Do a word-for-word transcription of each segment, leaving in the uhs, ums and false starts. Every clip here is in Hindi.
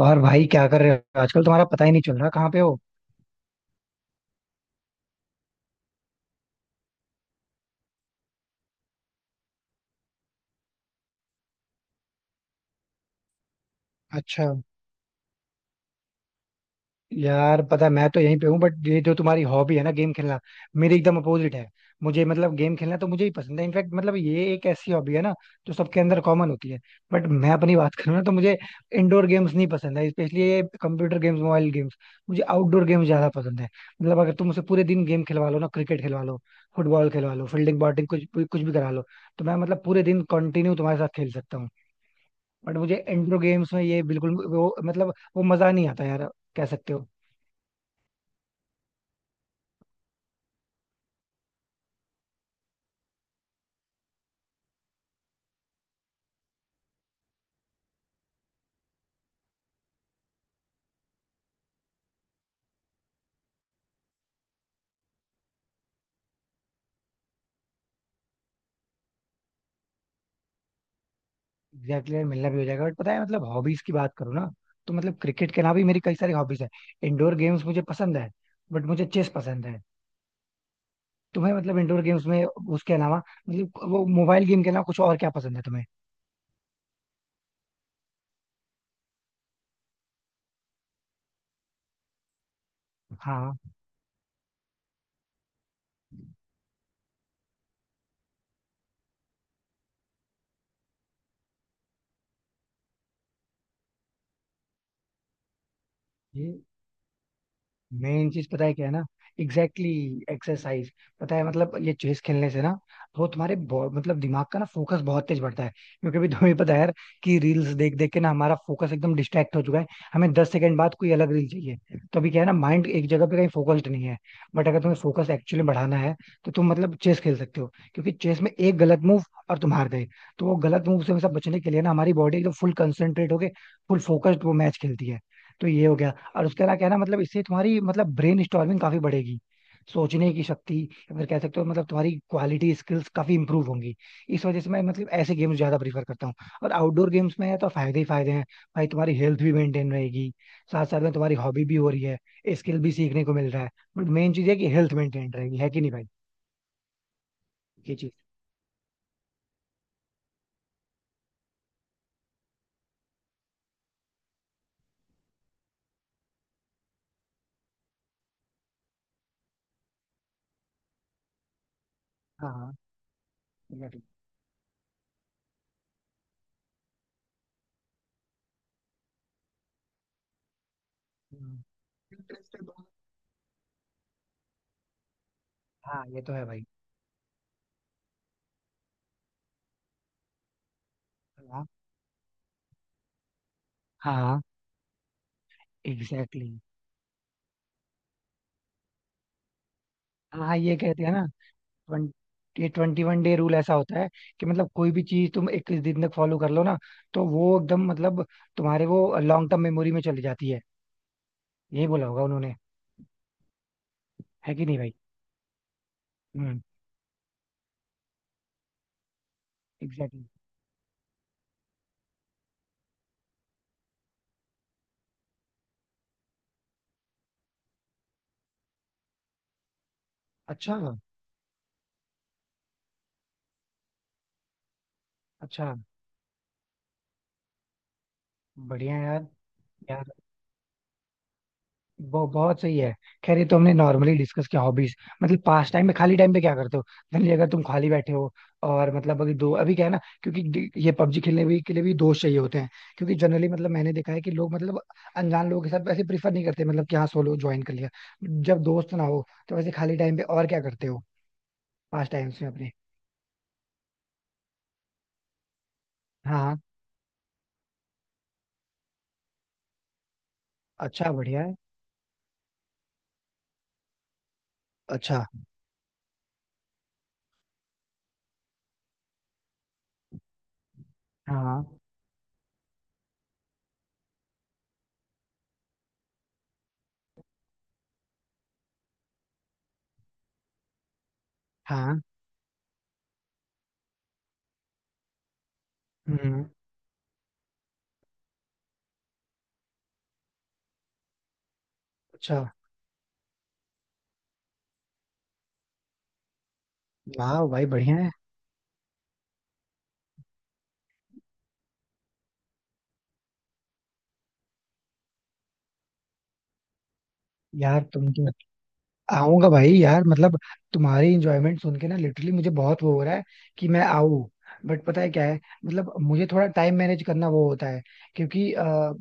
और भाई क्या कर रहे हो आजकल तुम्हारा पता ही नहीं चल रहा कहाँ पे हो। अच्छा यार पता मैं तो यहीं पे हूँ बट ये जो तुम्हारी हॉबी है ना गेम खेलना मेरी एकदम अपोजिट है। मुझे मतलब गेम खेलना तो मुझे ही पसंद है इनफैक्ट मतलब ये एक ऐसी हॉबी है ना जो सबके अंदर कॉमन होती है। बट मैं अपनी बात करूँ ना तो मुझे इंडोर गेम्स नहीं पसंद है, स्पेशली ये कंप्यूटर गेम्स, मोबाइल गेम्स। मुझे आउटडोर गेम्स ज्यादा पसंद है। मतलब अगर तुम मुझसे पूरे दिन गेम खिलवा लो ना, क्रिकेट खिलवा लो, फुटबॉल खिलवा लो, फील्डिंग, बॉलिंग, कुछ भी- कुछ भी करा लो, तो मैं मतलब पूरे दिन कंटिन्यू तुम्हारे साथ खेल सकता हूँ। बट मुझे इंट्रो गेम्स में ये बिल्कुल वो मतलब वो मजा नहीं आता यार, कह सकते हो। एग्जैक्टली यार, मिलना भी हो जाएगा बट पता है, मतलब हॉबीज की बात करूँ ना, तो मतलब क्रिकेट के अलावा भी मेरी कई सारी हॉबीज है। इंडोर गेम्स मुझे पसंद है, बट मुझे चेस पसंद है। तुम्हें मतलब इंडोर गेम्स में उसके अलावा मतलब वो मोबाइल गेम के अलावा कुछ और क्या पसंद है तुम्हें? हाँ, मेन चीज पता है क्या है ना। Exactly exactly, exercise. पता है मतलब ये चेस खेलने से ना, वो तुम्हारे बो- मतलब दिमाग का ना फोकस बहुत तेज बढ़ता है। क्योंकि अभी तुम्हें पता है यार, कि रील्स देख देख के ना हमारा फोकस एकदम डिस्ट्रैक्ट हो चुका है। हमें दस सेकंड बाद कोई अलग रील चाहिए। तो अभी क्या है ना, माइंड एक जगह पे कहीं फोकस्ड नहीं है। बट अगर तुम्हें फोकस एक्चुअली बढ़ाना है, तो तुम मतलब चेस खेल सकते हो, क्योंकि चेस में एक गलत मूव और तुम हार गए। तो वो गलत मूव से हमेशा बचने के लिए ना हमारी बॉडी एकदम फुल कंसंट्रेट होके फुल फोकस्ड वो मैच खेलती है। तो ये हो गया। और उसके अलावा क्या है ना, मतलब इससे तुम्हारी मतलब ब्रेन स्टॉर्मिंग काफी बढ़ेगी, सोचने की शक्ति, या फिर कह सकते हो मतलब तुम्हारी क्वालिटी स्किल्स काफी इंप्रूव होंगी। इस वजह से मैं मतलब ऐसे गेम्स ज्यादा प्रीफर करता हूँ। और आउटडोर गेम्स में है तो फायदे ही फायदे हैं भाई। तुम्हारी हेल्थ भी मेंटेन रहेगी, साथ साथ में तुम्हारी हॉबी भी हो रही है, स्किल भी सीखने को मिल रहा है। बट मेन चीज है कि हेल्थ मेंटेन रहेगी, है कि नहीं भाई? ये चीज। हाँ, हाँ। Exactly. हम्म। Interest है दोनों। हाँ ये तो है भाई। हाँ, हाँ, एग्जैक्टली। हाँ, हाँ, ये कहते हैं ना। ट्वेंटी ये ट्वेंटी वन डे रूल ऐसा होता है, कि मतलब कोई भी चीज तुम इक्कीस दिन तक फॉलो कर लो ना, तो वो एकदम मतलब तुम्हारे वो लॉन्ग टर्म मेमोरी में चली जाती है। यही बोला होगा उन्होंने, है कि नहीं भाई? हम्म। एग्जैक्टली। अच्छा। अच्छा, बढ़िया यार। यार वो बहुत सही है। खैर ये तो हमने नॉर्मली डिस्कस किया हॉबीज, मतलब पास टाइम में, खाली टाइम पे क्या करते हो, जनरली अगर तुम खाली बैठे हो। और मतलब अभी दो अभी क्या है ना, क्योंकि डी- ये पबजी खेलने भी के लिए भी दोस्त चाहिए होते हैं। क्योंकि जनरली मतलब मैंने देखा है कि लोग मतलब अनजान लोगों के साथ वैसे प्रीफर नहीं करते, मतलब कि हाँ, सोलो ज्वाइन कर लिया। जब दोस्त ना हो तो वैसे खाली टाइम पे और क्या करते हो, पास टाइम में अपने? हाँ, हाँ। अच्छा, बढ़िया है। अच्छा। हाँ, हाँ। हम्म। अच्छा। वाह भाई, बढ़िया है। यार तुम तो, आऊंगा भाई यार, मतलब तुम्हारी इंजॉयमेंट सुन के ना लिटरली मुझे बहुत वो हो रहा है, कि मैं आऊं। बट पता है क्या है, मतलब मुझे थोड़ा टाइम मैनेज करना वो होता है। क्योंकि आ,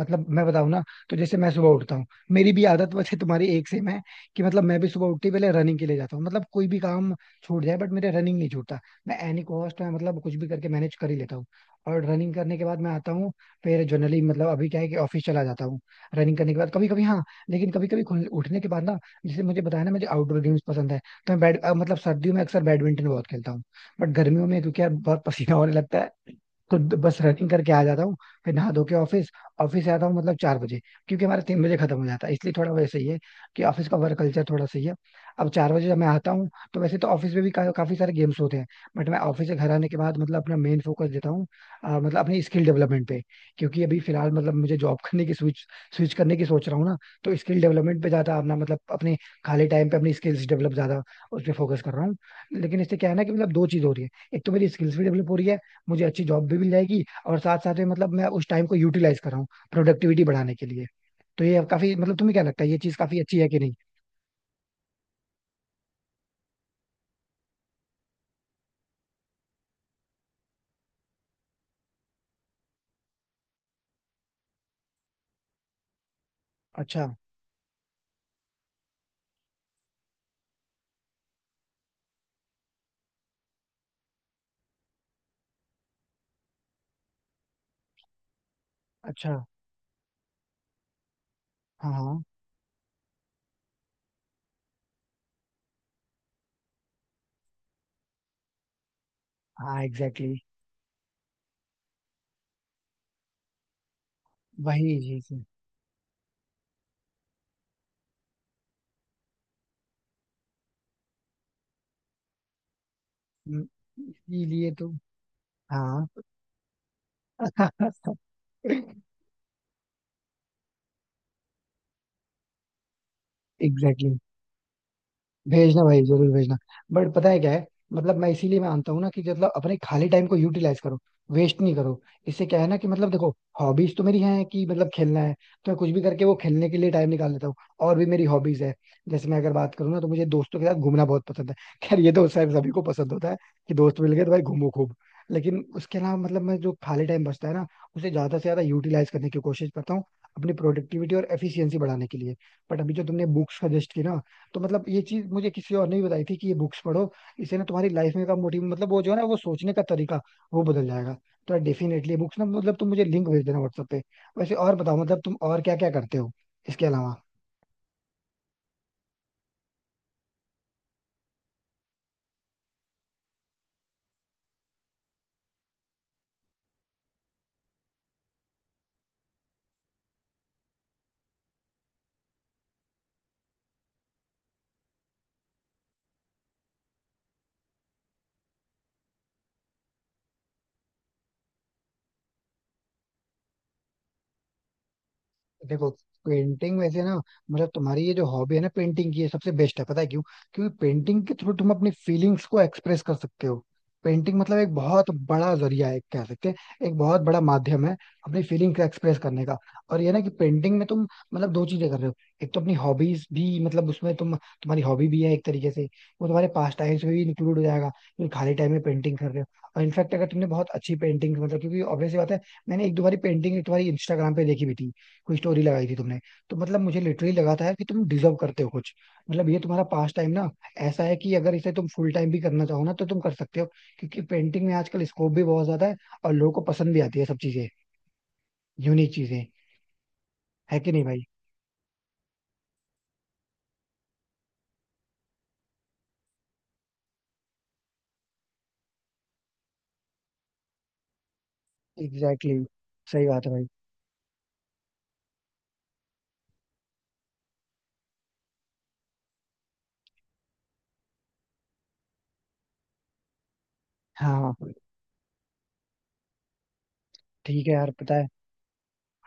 मतलब मैं बताऊं ना, तो जैसे मैं सुबह उठता हूँ, मेरी भी आदत वैसे तुम्हारी एक सेम है। कि मतलब मैं भी सुबह उठते ही पहले रनिंग के लिए जाता हूँ, मतलब कोई भी काम छूट जाए बट मेरा रनिंग नहीं छूटता। मैं एनी कॉस्ट में मतलब कुछ भी करके मैनेज कर ही लेता हूँ। और रनिंग करने के बाद मैं आता हूँ, फिर जनरली मतलब अभी क्या है कि ऑफिस चला जाता हूँ। रनिंग करने के बाद कभी कभी हाँ, लेकिन कभी कभी उठने के बाद ना, जैसे मुझे बताया ना मुझे आउटडोर गेम्स पसंद है, तो मैं बैड अ, मतलब सर्दियों में अक्सर बैडमिंटन बहुत खेलता हूँ। बट गर्मियों में क्योंकि यार बहुत पसीना होने लगता है, तो द- बस रनिंग करके आ जाता हूँ। फिर नहा धो के ऑफिस। ऑफिस से आता हूँ मतलब चार बजे, क्योंकि हमारा तीन बजे खत्म हो जाता है, इसलिए थोड़ा वैसे ही है, कि ऑफिस का वर्क कल्चर थोड़ा सही है। अब चार बजे जब मैं आता हूँ, तो वैसे तो ऑफिस में भी का, काफी सारे गेम्स होते हैं। बट मैं ऑफिस से घर आने के बाद मतलब अपना मेन फोकस देता हूँ अ, मतलब अपनी स्किल डेवलपमेंट पे। क्योंकि अभी फिलहाल मतलब मुझे जॉब करने की स्विच स्विच करने की सोच रहा हूँ ना, तो स्किल डेवलपमेंट पे ज्यादा अपना मतलब अपने खाली टाइम पे अपनी स्किल्स डेवलप ज्यादा, उस पर फोकस कर रहा हूँ। लेकिन इससे क्या है ना कि मतलब दो चीज हो रही है। एक तो मेरी स्किल्स भी डेवलप हो रही है, मुझे अच्छी जॉब भी मिल जाएगी, और साथ साथ में मतलब मैं उस टाइम को यूटिलाइज कर रहा हूँ प्रोडक्टिविटी बढ़ाने के लिए। तो ये काफी मतलब तुम्हें क्या लगता है, ये चीज काफी अच्छी है कि नहीं? अच्छा। अच्छा। हाँ, हाँ। हाँ, एग्जैक्टली। वही चीज है। हम्म, इसीलिए तो। हाँ। एग्जैक्टली, भेजना भाई, जरूर भेजना। बट पता है क्या है, मतलब मैं इसीलिए मानता हूँ ना कि मतलब अपने खाली टाइम को यूटिलाइज करो, वेस्ट नहीं करो। इससे क्या है ना कि मतलब देखो, हॉबीज तो मेरी हैं कि मतलब खेलना है तो मैं कुछ भी करके वो खेलने के लिए टाइम निकाल लेता हूँ। और भी मेरी हॉबीज है, जैसे मैं अगर बात करूँ ना, तो मुझे दोस्तों के साथ घूमना बहुत पसंद है। खैर ये तो शायद सभी को पसंद होता है, कि दोस्त मिल गए तो भाई घूमो खूब। लेकिन उसके अलावा मतलब मैं जो खाली टाइम बचता है ना, उसे ज्यादा से ज्यादा यूटिलाइज करने की कोशिश करता हूँ, अपनी प्रोडक्टिविटी और एफिशिएंसी बढ़ाने के लिए। बट अभी जो तुमने बुक्स सजेस्ट की ना, तो मतलब ये चीज मुझे किसी और ने भी बताई थी, कि ये बुक्स पढ़ो, इससे ना तुम्हारी लाइफ में का मोटिव मतलब वो जो है ना वो सोचने का तरीका वो बदल जाएगा। तो डेफिनेटली बुक्स ना मतलब तुम मुझे लिंक भेज देना व्हाट्सएप पे। वैसे और बताओ मतलब तुम और क्या क्या करते हो इसके अलावा? देखो, पेंटिंग वैसे ना, मतलब तुम्हारी ये जो हॉबी है ना पेंटिंग की, ये सबसे बेस्ट है, पता है क्यों? क्योंकि पेंटिंग के थ्रू तुम अपनी फीलिंग्स को एक्सप्रेस कर सकते हो। पेंटिंग मतलब एक बहुत बड़ा जरिया है, कह सकते हैं एक बहुत बड़ा माध्यम है अपनी फीलिंग को एक्सप्रेस करने का। और ये ना कि पेंटिंग में तुम मतलब दो चीजें कर रहे हो। एक तो अपनी हॉबीज भी मतलब उसमें तुम, तुम्हारी हॉबी भी है एक तरीके से, वो तुम्हारे पास टाइम्स में भी इंक्लूड हो जाएगा, क्योंकि खाली टाइम में पेंटिंग कर रहे हो। और इनफैक्ट अगर तुमने बहुत अच्छी पेंटिंग मतलब क्योंकि ऑब्वियसली बात है, मैंने एक दो बारी पेंटिंग तुम्हारी इंस्टाग्राम पे देखी भी थी, कोई स्टोरी लगाई थी तुमने। तो मतलब मुझे लिटरली लगा था यार कि तुम डिजर्व करते हो कुछ। मतलब ये तुम्हारा पास टाइम ना ऐसा है कि अगर इसे तुम फुल टाइम भी करना चाहो ना तो तुम कर सकते हो, क्योंकि पेंटिंग में आजकल स्कोप भी बहुत ज्यादा है, और लोगों को पसंद भी आती है सब चीजें, यूनिक चीजें। है कि नहीं भाई? Exactly exactly. सही बात है भाई। हाँ, हाँ। ठीक है यार, पता है।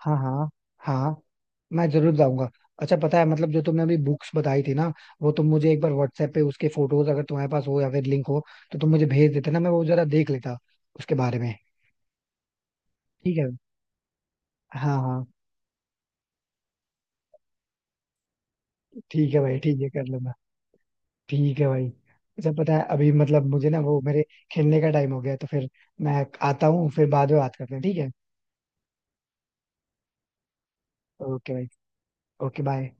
हाँ, हाँ। हाँ, मैं जरूर जाऊंगा। अच्छा पता है मतलब जो तुमने अभी बुक्स बताई थी ना, वो तुम मुझे एक बार व्हाट्सएप पे उसके फोटोज अगर तुम्हारे पास हो या फिर लिंक हो, तो तुम मुझे भेज देते ना, मैं वो जरा देख लेता उसके बारे में। ठीक है। हाँ, हाँ। ठीक है भाई, ठीक है, कर लूंगा। ठीक है भाई। अच्छा पता है अभी मतलब मुझे ना वो मेरे खेलने का टाइम हो गया है, तो फिर मैं आता हूँ, फिर बाद में बात करते हैं, ठीक है? ओके भाई। Okay bye.